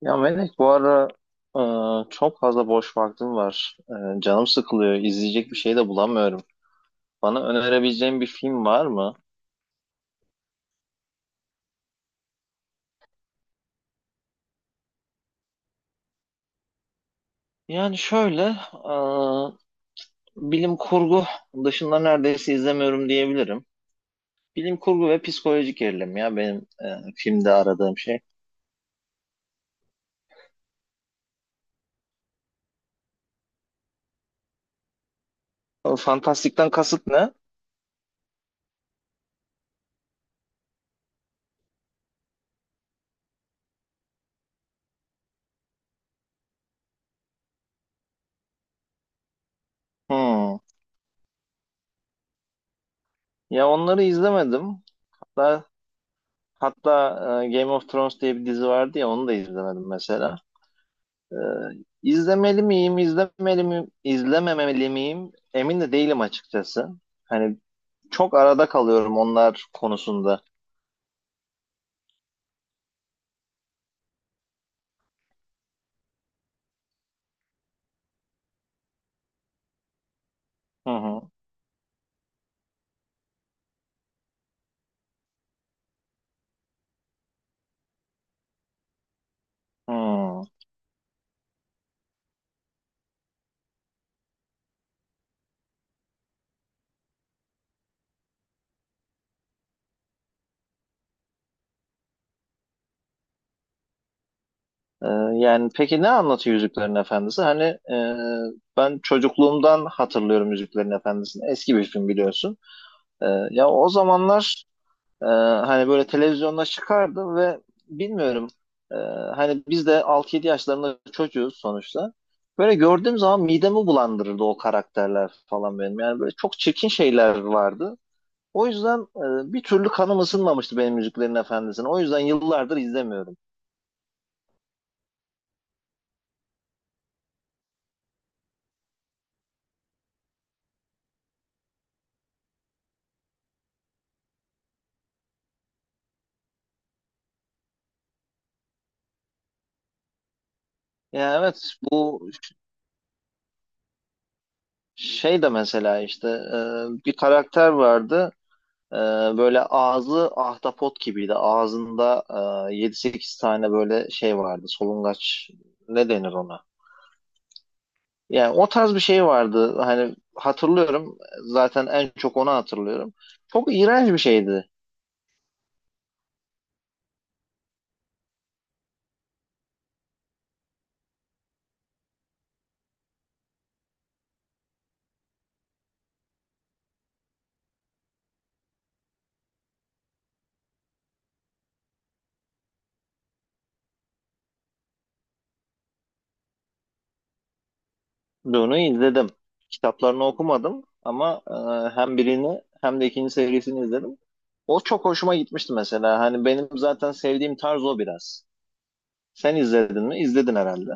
Ya Melek bu ara çok fazla boş vaktim var. Canım sıkılıyor. İzleyecek bir şey de bulamıyorum. Bana önerebileceğin bir film var mı? Yani şöyle bilim kurgu dışında neredeyse izlemiyorum diyebilirim. Bilim kurgu ve psikolojik gerilim ya benim filmde aradığım şey. O fantastikten kasıt ne? Hmm. Ya onları izlemedim. Hatta hatta Game of Thrones diye bir dizi vardı ya onu da izlemedim mesela. Ee, izlemeli miyim, izlememeli miyim? Emin de değilim açıkçası. Hani çok arada kalıyorum onlar konusunda. Hı hı. Hı. Ee, Yani peki ne anlatıyor Yüzüklerin Efendisi? Hani e, ben çocukluğumdan hatırlıyorum Yüzüklerin Efendisi'ni. Eski bir film biliyorsun. Ee, Ya o zamanlar, hani böyle televizyonda çıkardı ve bilmiyorum, e, hani biz de 6 7 yaşlarında çocuğuz sonuçta. Böyle gördüğüm zaman midemi bulandırırdı o karakterler falan benim. Yani böyle çok çirkin şeyler vardı. O yüzden bir türlü kanım ısınmamıştı benim Yüzüklerin Efendisi'ne. O yüzden yıllardır izlemiyorum. Yani evet, bu şey de mesela, işte, bir karakter vardı. Ee, Böyle ağzı ahtapot gibiydi. Ağzında 7-8 tane böyle şey vardı. Solungaç ne denir ona? Yani o tarz bir şey vardı. Hani hatırlıyorum. Zaten en çok onu hatırlıyorum. Çok iğrenç bir şeydi. Dune'u izledim. Kitaplarını okumadım ama hem birini hem de ikinci serisini izledim. O çok hoşuma gitmişti mesela. Hani benim zaten sevdiğim tarz o biraz. Sen izledin mi? İzledin herhalde.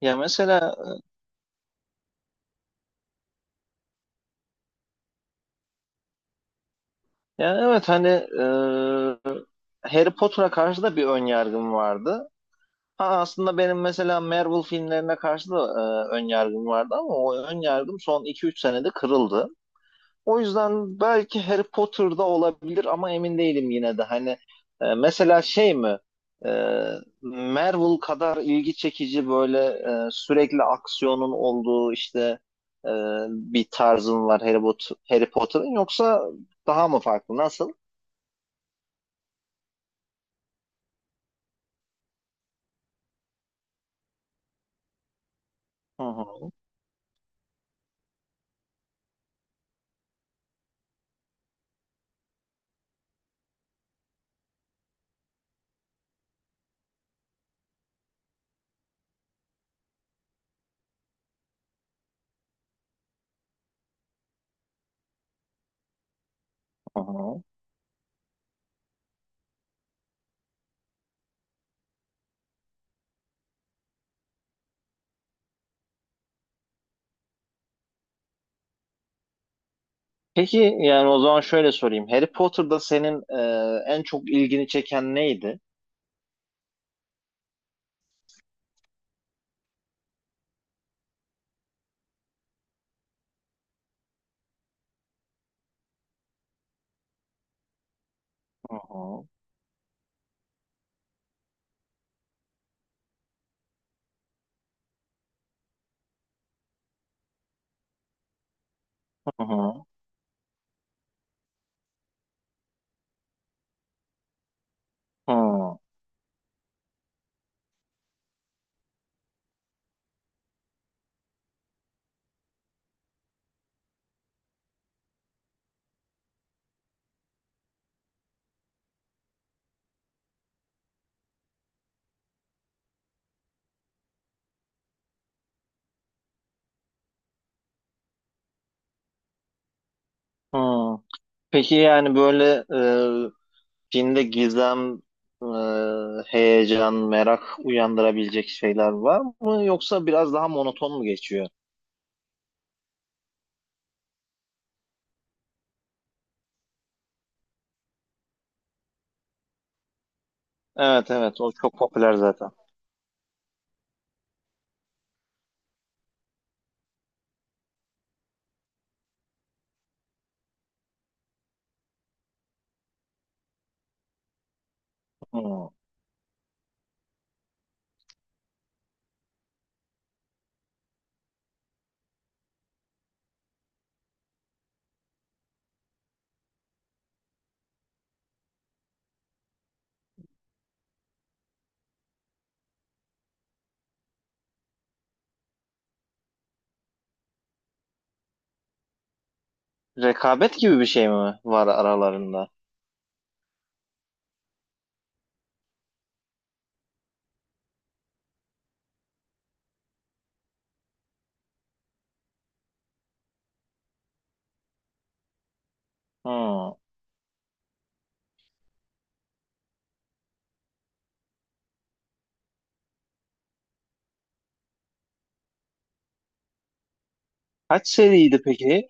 Ya mesela, yani evet hani e, Harry Potter'a karşı da bir ön yargım vardı. Ha, aslında benim mesela Marvel filmlerine karşı da ön yargım vardı ama o ön yargım son 2-3 senede kırıldı. O yüzden belki Harry Potter'da olabilir ama emin değilim yine de. Hani mesela şey mi? E, Marvel kadar ilgi çekici, böyle, sürekli aksiyonun olduğu, işte, e, bir tarzın var Harry Potter'ın yoksa daha mı farklı? Nasıl? Hı hı, hı hı. Peki yani o zaman şöyle sorayım. Harry Potter'da senin en çok ilgini çeken neydi? Hı hı, hı hı, hı hı. Peki yani böyle, e, filmde gizem, heyecan, merak uyandırabilecek şeyler var mı? Yoksa biraz daha monoton mu geçiyor? Evet, evet, o çok popüler zaten. Hı. Rekabet gibi bir şey mi var aralarında? Hı. Kaç seriydi peki?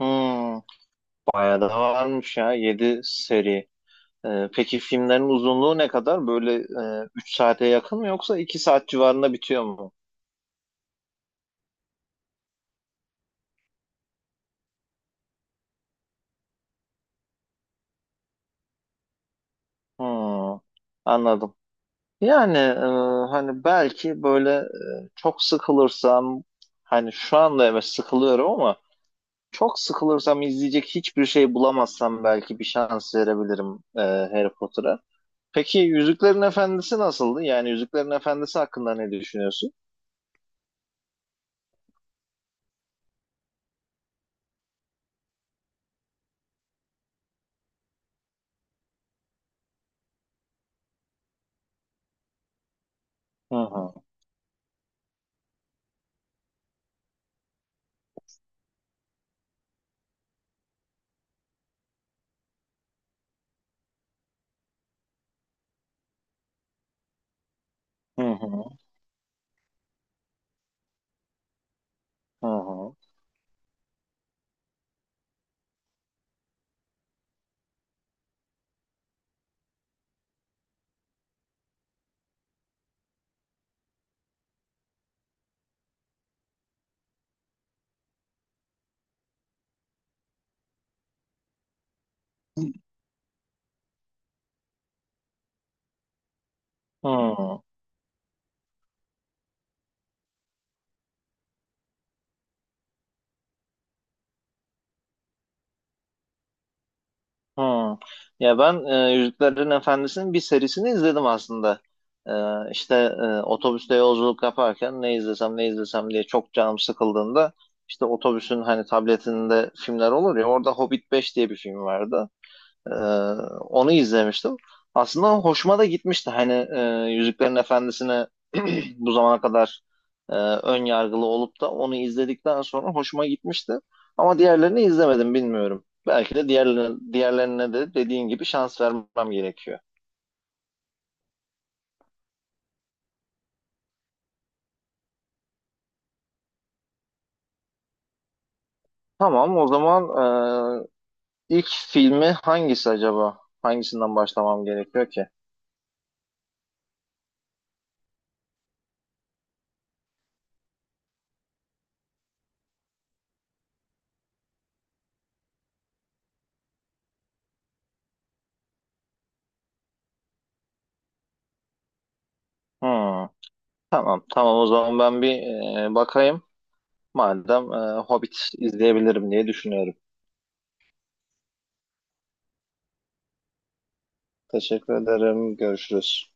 Hı. Bayağı da varmış ya, 7 seri. Peki filmlerin uzunluğu ne kadar? Böyle, 3 saate yakın mı yoksa 2 saat civarında bitiyor mu? Hmm, anladım. Yani hani belki böyle, çok sıkılırsam, hani şu anda evet sıkılıyorum ama çok sıkılırsam, izleyecek hiçbir şey bulamazsam belki bir şans verebilirim Harry Potter'a. Peki Yüzüklerin Efendisi nasıldı? Yani Yüzüklerin Efendisi hakkında ne düşünüyorsun? Hı hı. Hı hı. Hı hı. Hı. Hmm. Ya ben, Yüzüklerin Efendisi'nin bir serisini izledim aslında. E, işte otobüste yolculuk yaparken ne izlesem ne izlesem diye çok canım sıkıldığında, işte otobüsün hani tabletinde filmler olur ya, orada Hobbit 5 diye bir film vardı. Ee, Onu izlemiştim. Aslında hoşuma da gitmişti. Hani Yüzüklerin Efendisi'ne bu zamana kadar ön yargılı olup da onu izledikten sonra hoşuma gitmişti. Ama diğerlerini izlemedim, bilmiyorum. Belki de diğerlerine de dediğin gibi şans vermem gerekiyor. Tamam, o zaman e, ilk filmi hangisi acaba? Hangisinden başlamam gerekiyor ki? Hmm, tamam, tamam, o zaman ben bir, bakayım. Madem, Hobbit izleyebilirim diye düşünüyorum. Teşekkür ederim. Görüşürüz.